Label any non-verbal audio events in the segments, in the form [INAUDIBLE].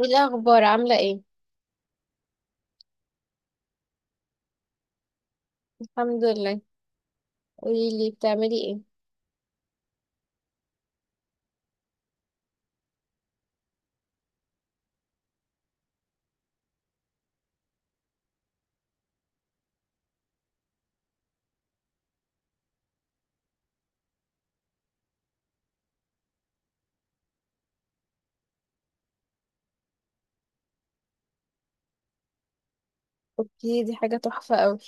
ايه الاخبار؟ عامله ايه؟ الحمد لله. قولي لي بتعملي ايه؟ اوكي، دي حاجه تحفه قوي.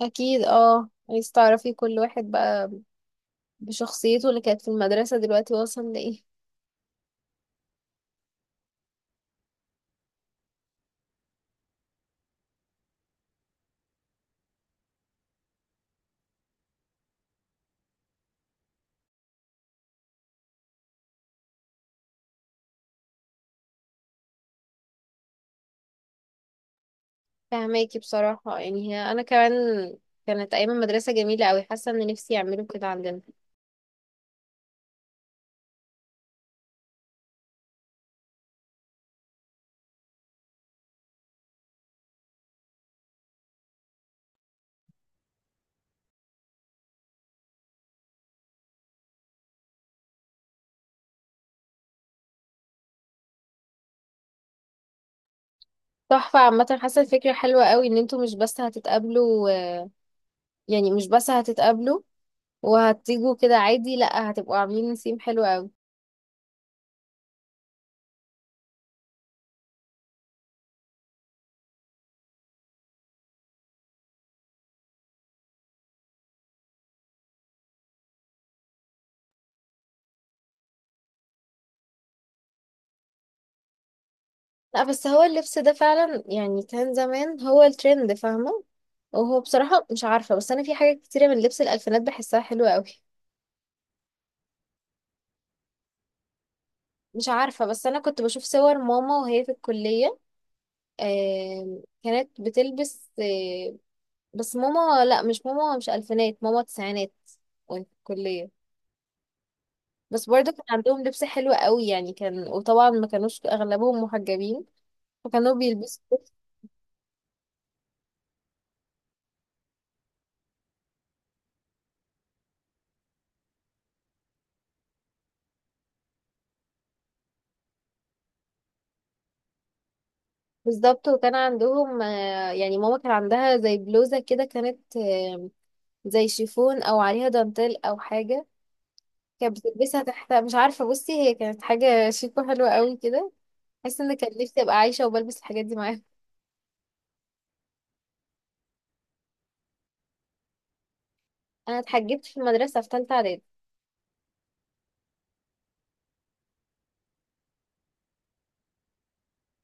اكيد، عايز تعرفي كل واحد بقى بشخصيته اللي كانت في المدرسه دلوقتي وصل لايه. فهماكي بصراحه، يعني هي انا كمان كانت ايام المدرسه جميله قوي، حاسه ان نفسي يعملوا كده عندنا. تحفه، عامه حاسه الفكره حلوه قوي ان انتوا مش بس هتتقابلوا، يعني مش بس هتتقابلوا وهتيجوا كده عادي، لا هتبقوا عاملين نسيم حلو قوي. لا بس هو اللبس ده فعلا، يعني كان زمان هو الترند، فاهمة؟ وهو بصراحة مش عارفة، بس أنا في حاجات كتيرة من لبس الألفينات بحسها حلوة أوي. مش عارفة، بس أنا كنت بشوف صور ماما وهي في الكلية. كانت بتلبس، بس ماما، لا مش ماما، مش ألفينات، ماما تسعينات، وهي في الكلية. بس برضه كان عندهم لبس حلو أوي، يعني كان، وطبعا ما كانوش أغلبهم محجبين فكانوا بيلبسوا. بالظبط. وكان عندهم، يعني ماما كان عندها زي بلوزة كده، كانت زي شيفون او عليها دانتيل او حاجة، كانت بتلبسها تحت. مش عارفة، بصي هي كانت حاجة شيك وحلوة قوي كده، حاسة ان كان نفسي ابقى عايشة وبلبس الحاجات دي معاها. انا اتحجبت في المدرسة في تالتة اعدادي.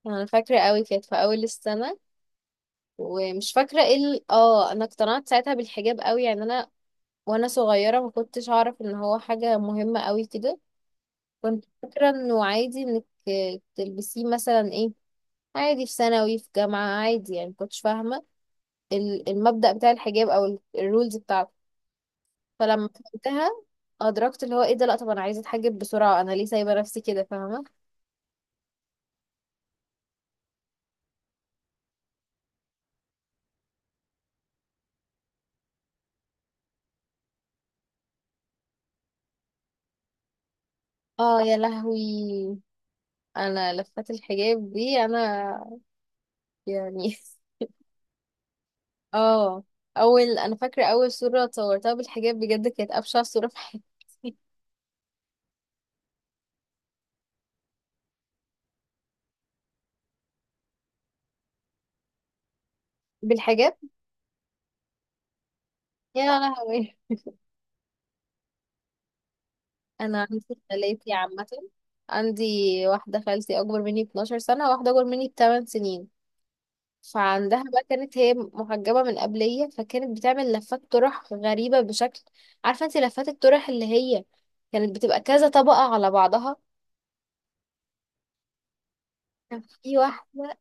انا فاكرة قوي كانت في اول السنة، ومش فاكرة ايه انا اقتنعت ساعتها بالحجاب قوي، يعني انا وانا صغيرة ما كنتش اعرف ان هو حاجة مهمة قوي كده. كنت فاكرة انه عادي انك تلبسيه مثلا ايه، عادي في ثانوي في جامعة عادي، يعني مكنتش فاهمة المبدأ بتاع الحجاب أو الرولز بتاعته. فلما فهمتها أدركت اللي هو ايه ده، لأ طب أنا عايزة أتحجب بسرعة، أنا ليه سايبة نفسي كده، فاهمة؟ اه يا لهوي! أنا لفات الحجاب دي أنا يعني [LAUGHS] اه أول، أنا فاكرة أول صورة اتصورتها بالحجاب بجد كانت أبشع صورة في حياتي. بالحجاب، يا لهوي. أنا عندي خالاتي عامة. عندي واحدة خالتي أكبر مني ب 12 سنة، واحدة أكبر مني ب 8 سنين. فعندها بقى كانت هي محجبة من قبلية، فكانت بتعمل لفات طرح غريبة بشكل. عارفة انت لفات الطرح اللي هي كانت بتبقى كذا طبقة على بعضها؟ كان في واحدة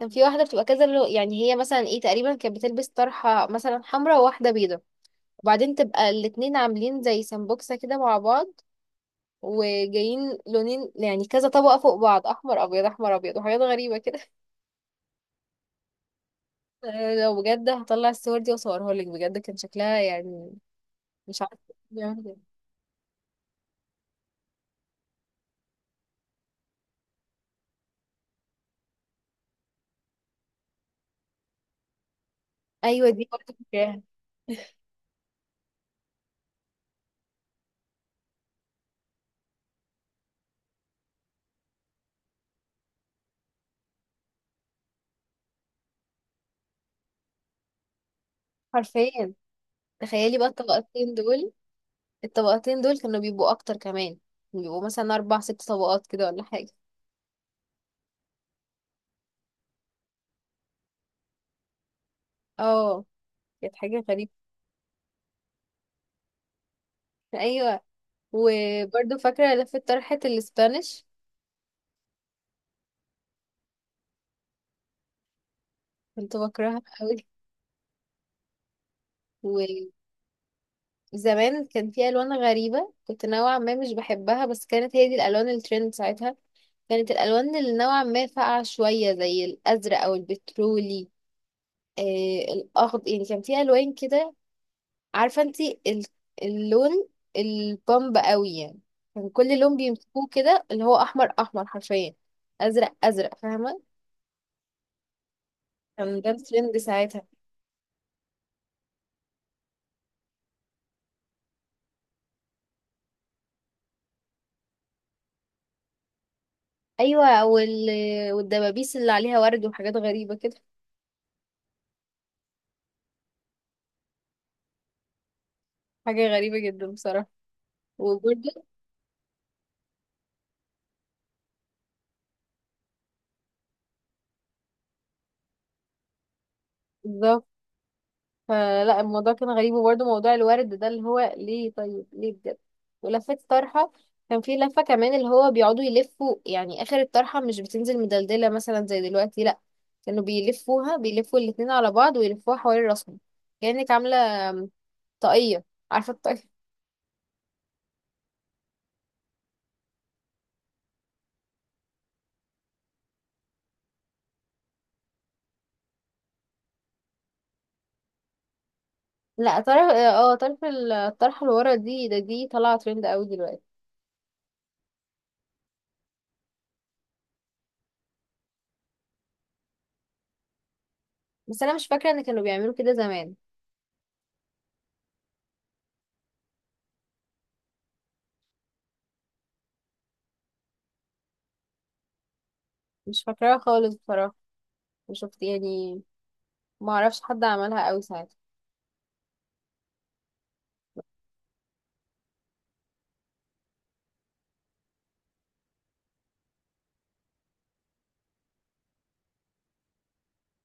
كان في واحدة بتبقى كذا، لو يعني هي مثلا ايه تقريبا كانت بتلبس طرحة مثلا حمراء وواحدة بيضة، وبعدين تبقى الاتنين عاملين زي سمبوكسة كده مع بعض، وجايين لونين، يعني كذا طبقة فوق بعض، أحمر أبيض أحمر أبيض وحاجات غريبة كده. [LAUGHS] لو بجد هطلع الصور دي وأصورها لك بجد كان شكلها يعني مش عارفة. ايوه، دي برضه فكرة. حرفيا. تخيلي بقى الطبقتين دول، كانوا بيبقوا اكتر كمان، كانوا بيبقوا مثلا اربع ست طبقات كده ولا حاجه. اه، كانت حاجه غريبه. ايوه. وبرضه فاكره لفه طرحه الاسبانيش، كنت بكرهها قوي. وزمان كان في الوان غريبه، كنت نوعا ما مش بحبها، بس كانت هي دي الالوان الترند ساعتها. كانت الالوان اللي نوعا ما فاقعه شويه زي الازرق او البترولي، آه الاخضر، يعني كان في الوان كده. عارفة انتي اللون البامب قوي يعني، كان كل لون بيمسكوه كده اللي هو احمر احمر حرفيا، ازرق ازرق، فاهمة؟ كان ده الترند ساعتها. ايوه. والدبابيس اللي عليها ورد وحاجات غريبة كده. حاجة غريبة جدا بصراحة. وبرده، فلا الموضوع كان غريب، وبرده موضوع الورد ده اللي هو ليه؟ طيب ليه بجد؟ ولفة طرحة، كان في لفة كمان اللي هو بيقعدوا يلفوا يعني آخر الطرحة، مش بتنزل مدلدلة مثلا زي دلوقتي لا، كانوا بيلفوها، بيلفوا الاتنين على بعض ويلفوها حوالين راسهم، كأنك عاملة طاقية، عارفة الطاقية؟ لا، طرف الطرحة اللي ورا دي، ده دي طالعة ترند قوي دلوقتي. بس أنا مش فاكرة إن كانوا بيعملوا كده زمان. مش فاكراها خالص بصراحة. وشفت، يعني ما اعرفش حد عملها قوي ساعتها.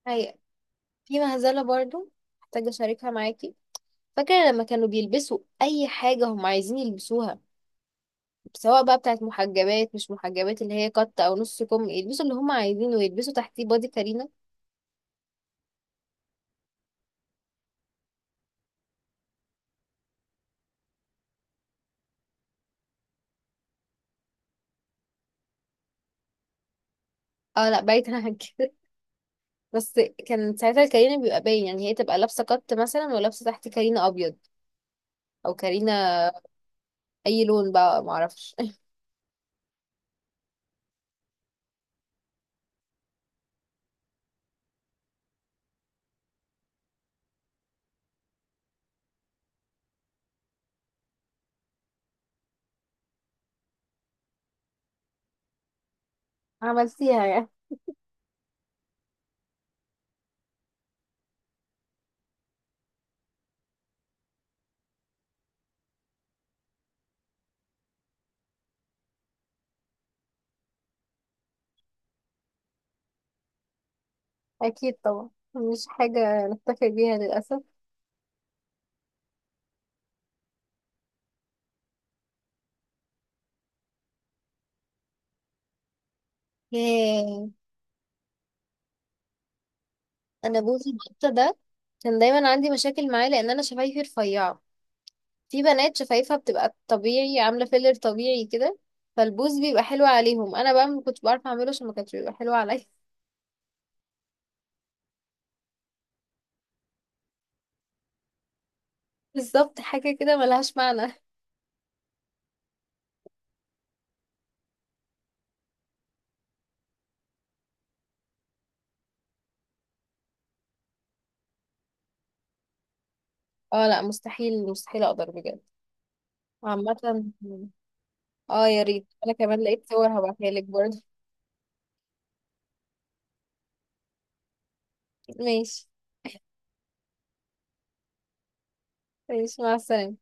هي، في مهزلة برضو محتاجة أشاركها معاكي. فاكرة لما كانوا بيلبسوا أي حاجة هم عايزين يلبسوها، سواء بقى بتاعت محجبات مش محجبات، اللي هي قط أو نص كم، يلبسوا اللي هم عايزينه ويلبسوا تحتيه بادي كارينا. اه لا بعيد عن كده [LAUGHS] بس. كان ساعتها الكارينا بيبقى باين، يعني هي تبقى لابسة قط مثلا ولابسة تحت كارينا أبيض، أو كارينا أي لون بقى معرفش. [LAUGHS] عملتيها يعني؟ أكيد طبعا مش حاجة نفتخر بيها للأسف. ياه! انا بوز البطه ده كان دايما عندي مشاكل معاه لان انا شفايفي رفيعه. في بنات شفايفها بتبقى طبيعي عامله فيلر طبيعي كده، فالبوز بيبقى حلو عليهم، انا بقى ما كنتش بعرف اعمله عشان ما كانش بيبقى حلو عليا [LAUGHS] بالظبط، حاجه كده ملهاش معنى. اه لا مستحيل، مستحيل اقدر بجد. عامه، اه يا ريت، انا كمان لقيت صور هبعتها لك برضه [LAUGHS] ماشي. ماشي مع السلامه.